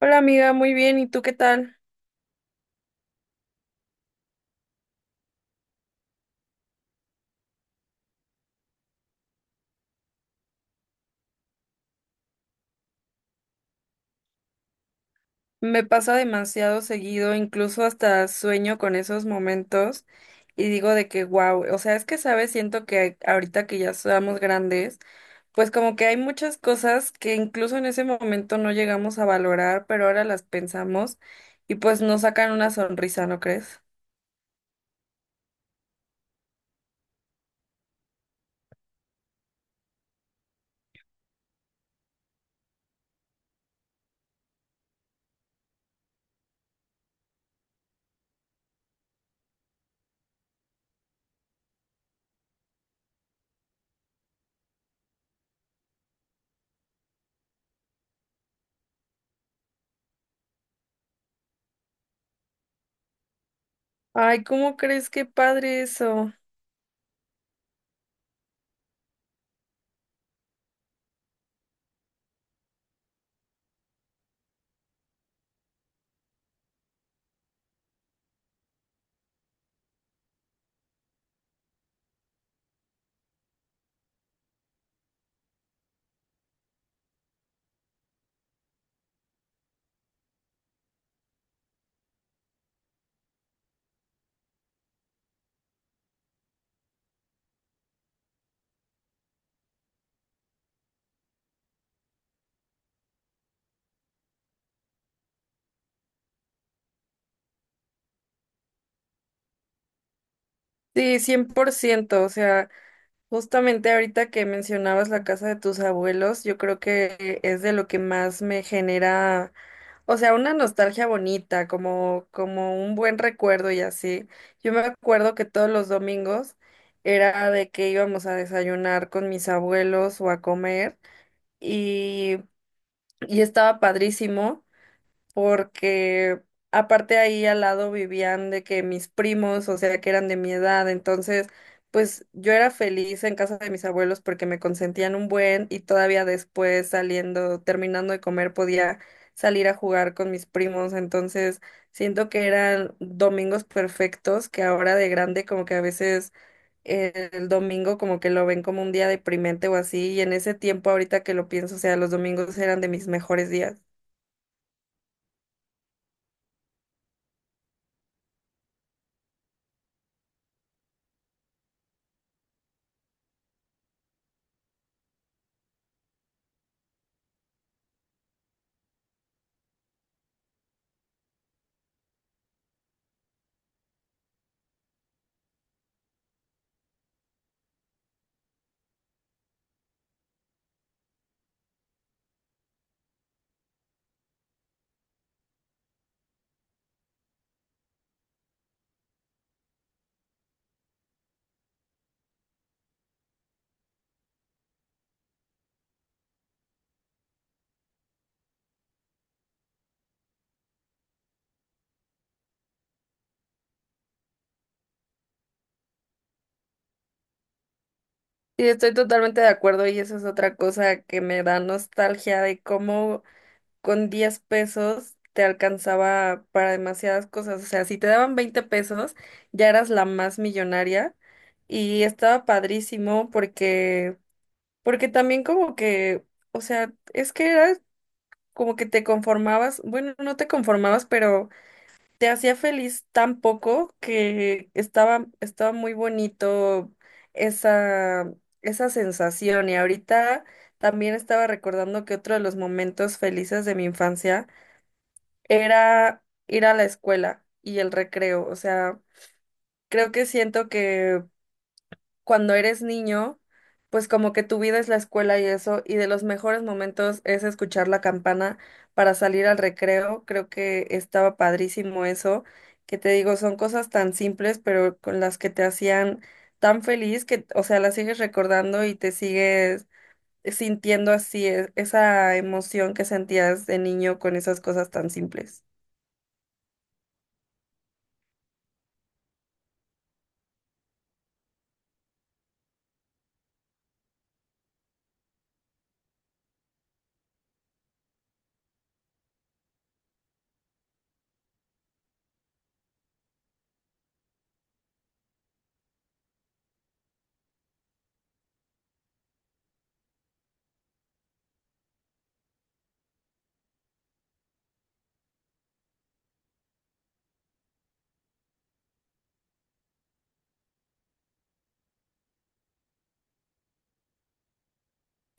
Hola amiga, muy bien, ¿y tú qué tal? Me pasa demasiado seguido, incluso hasta sueño con esos momentos y digo de que wow, o sea, es que sabes, siento que ahorita que ya somos grandes, pues como que hay muchas cosas que incluso en ese momento no llegamos a valorar, pero ahora las pensamos y pues nos sacan una sonrisa, ¿no crees? Ay, ¿cómo crees? Qué padre eso. Sí, 100%. O sea. Justamente ahorita que mencionabas la casa de tus abuelos, yo creo que es de lo que más me genera, o sea, una nostalgia bonita, como un buen recuerdo y así. Yo me acuerdo que todos los domingos era de que íbamos a desayunar con mis abuelos o a comer y, y estaba padrísimo porque aparte ahí al lado vivían de que mis primos, o sea, que eran de mi edad, entonces, pues yo era feliz en casa de mis abuelos porque me consentían un buen y todavía después saliendo, terminando de comer, podía salir a jugar con mis primos, entonces siento que eran domingos perfectos que ahora de grande como que a veces el domingo como que lo ven como un día deprimente o así y en ese tiempo ahorita que lo pienso, o sea, los domingos eran de mis mejores días. Sí, estoy totalmente de acuerdo y eso es otra cosa que me da nostalgia de cómo con 10 pesos te alcanzaba para demasiadas cosas. O sea, si te daban 20 pesos, ya eras la más millonaria y estaba padrísimo porque, porque también como que, o sea, es que era como que te conformabas, bueno, no te conformabas, pero te hacía feliz tan poco que estaba muy bonito esa, esa sensación. Y ahorita también estaba recordando que otro de los momentos felices de mi infancia era ir a la escuela y el recreo. O sea, creo que siento que cuando eres niño, pues como que tu vida es la escuela y eso, y de los mejores momentos es escuchar la campana para salir al recreo. Creo que estaba padrísimo eso, que te digo, son cosas tan simples, pero con las que te hacían tan feliz que, o sea, las sigues recordando y te sigues sintiendo así esa emoción que sentías de niño con esas cosas tan simples.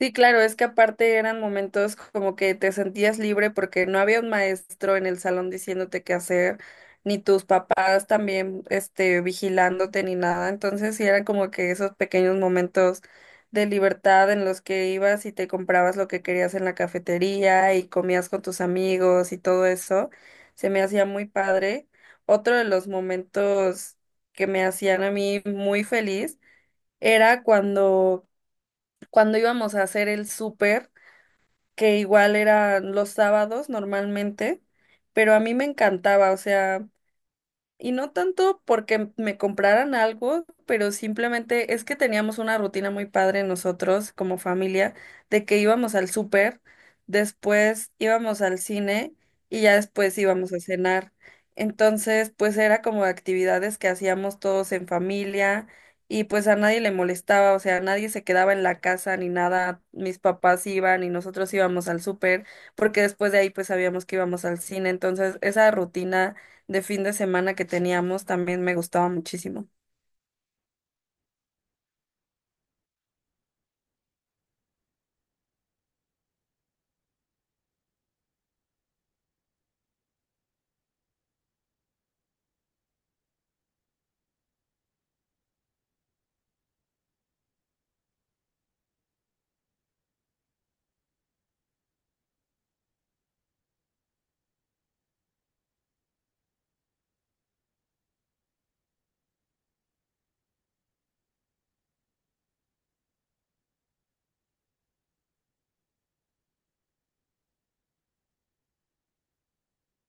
Sí, claro, es que aparte eran momentos como que te sentías libre porque no había un maestro en el salón diciéndote qué hacer, ni tus papás también, este, vigilándote ni nada. Entonces sí eran como que esos pequeños momentos de libertad en los que ibas y te comprabas lo que querías en la cafetería y comías con tus amigos y todo eso. Se me hacía muy padre. Otro de los momentos que me hacían a mí muy feliz era cuando íbamos a hacer el súper, que igual eran los sábados normalmente, pero a mí me encantaba, o sea, y no tanto porque me compraran algo, pero simplemente es que teníamos una rutina muy padre nosotros como familia, de que íbamos al súper, después íbamos al cine y ya después íbamos a cenar. Entonces, pues era como actividades que hacíamos todos en familia y pues a nadie le molestaba, o sea, nadie se quedaba en la casa ni nada. Mis papás iban y nosotros íbamos al súper, porque después de ahí pues sabíamos que íbamos al cine. Entonces, esa rutina de fin de semana que teníamos también me gustaba muchísimo.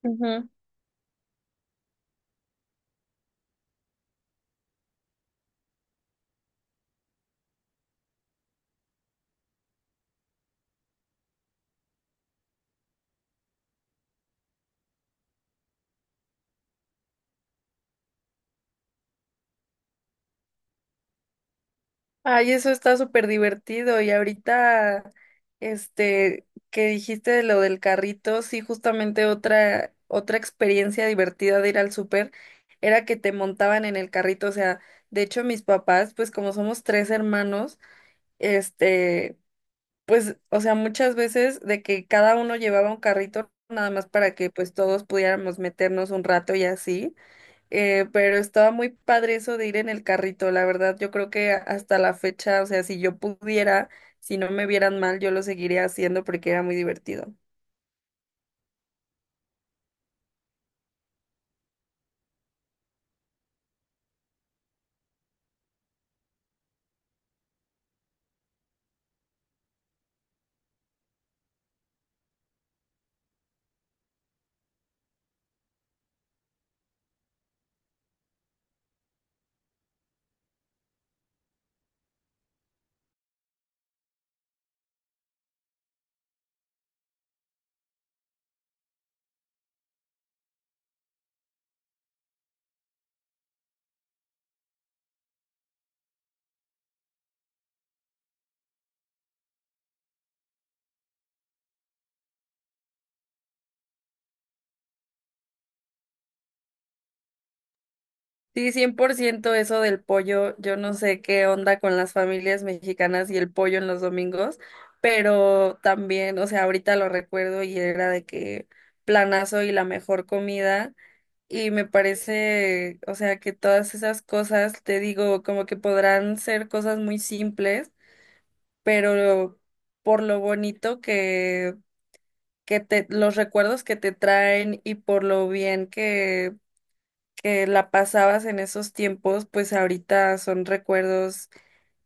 Ujú. Ay, eso está súper divertido. Y ahorita, este, que dijiste de lo del carrito, sí, justamente otra experiencia divertida de ir al súper era que te montaban en el carrito. O sea, de hecho, mis papás, pues como somos tres hermanos, este, pues, o sea, muchas veces de que cada uno llevaba un carrito nada más para que pues todos pudiéramos meternos un rato y así. Pero estaba muy padre eso de ir en el carrito, la verdad. Yo creo que hasta la fecha, o sea, si yo pudiera, si no me vieran mal, yo lo seguiría haciendo porque era muy divertido. Sí, 100% eso del pollo. Yo no sé qué onda con las familias mexicanas y el pollo en los domingos, pero también, o sea, ahorita lo recuerdo y era de que planazo y la mejor comida. Y me parece, o sea, que todas esas cosas, te digo, como que podrán ser cosas muy simples pero por lo bonito que te, los recuerdos que te traen y por lo bien que la pasabas en esos tiempos, pues ahorita son recuerdos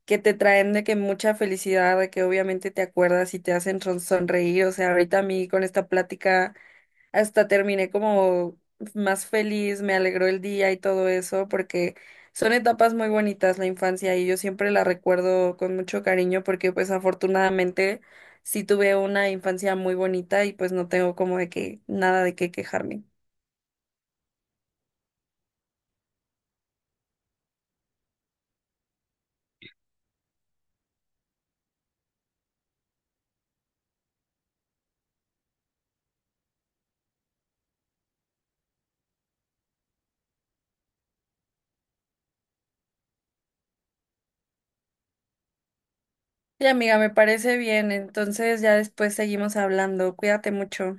que te traen de que mucha felicidad, de que obviamente te acuerdas y te hacen sonreír. O sea, ahorita a mí con esta plática hasta terminé como más feliz, me alegró el día y todo eso, porque son etapas muy bonitas la infancia y yo siempre la recuerdo con mucho cariño porque pues afortunadamente sí tuve una infancia muy bonita y pues no tengo como de que nada de qué quejarme. Y amiga, me parece bien, entonces ya después seguimos hablando, cuídate mucho.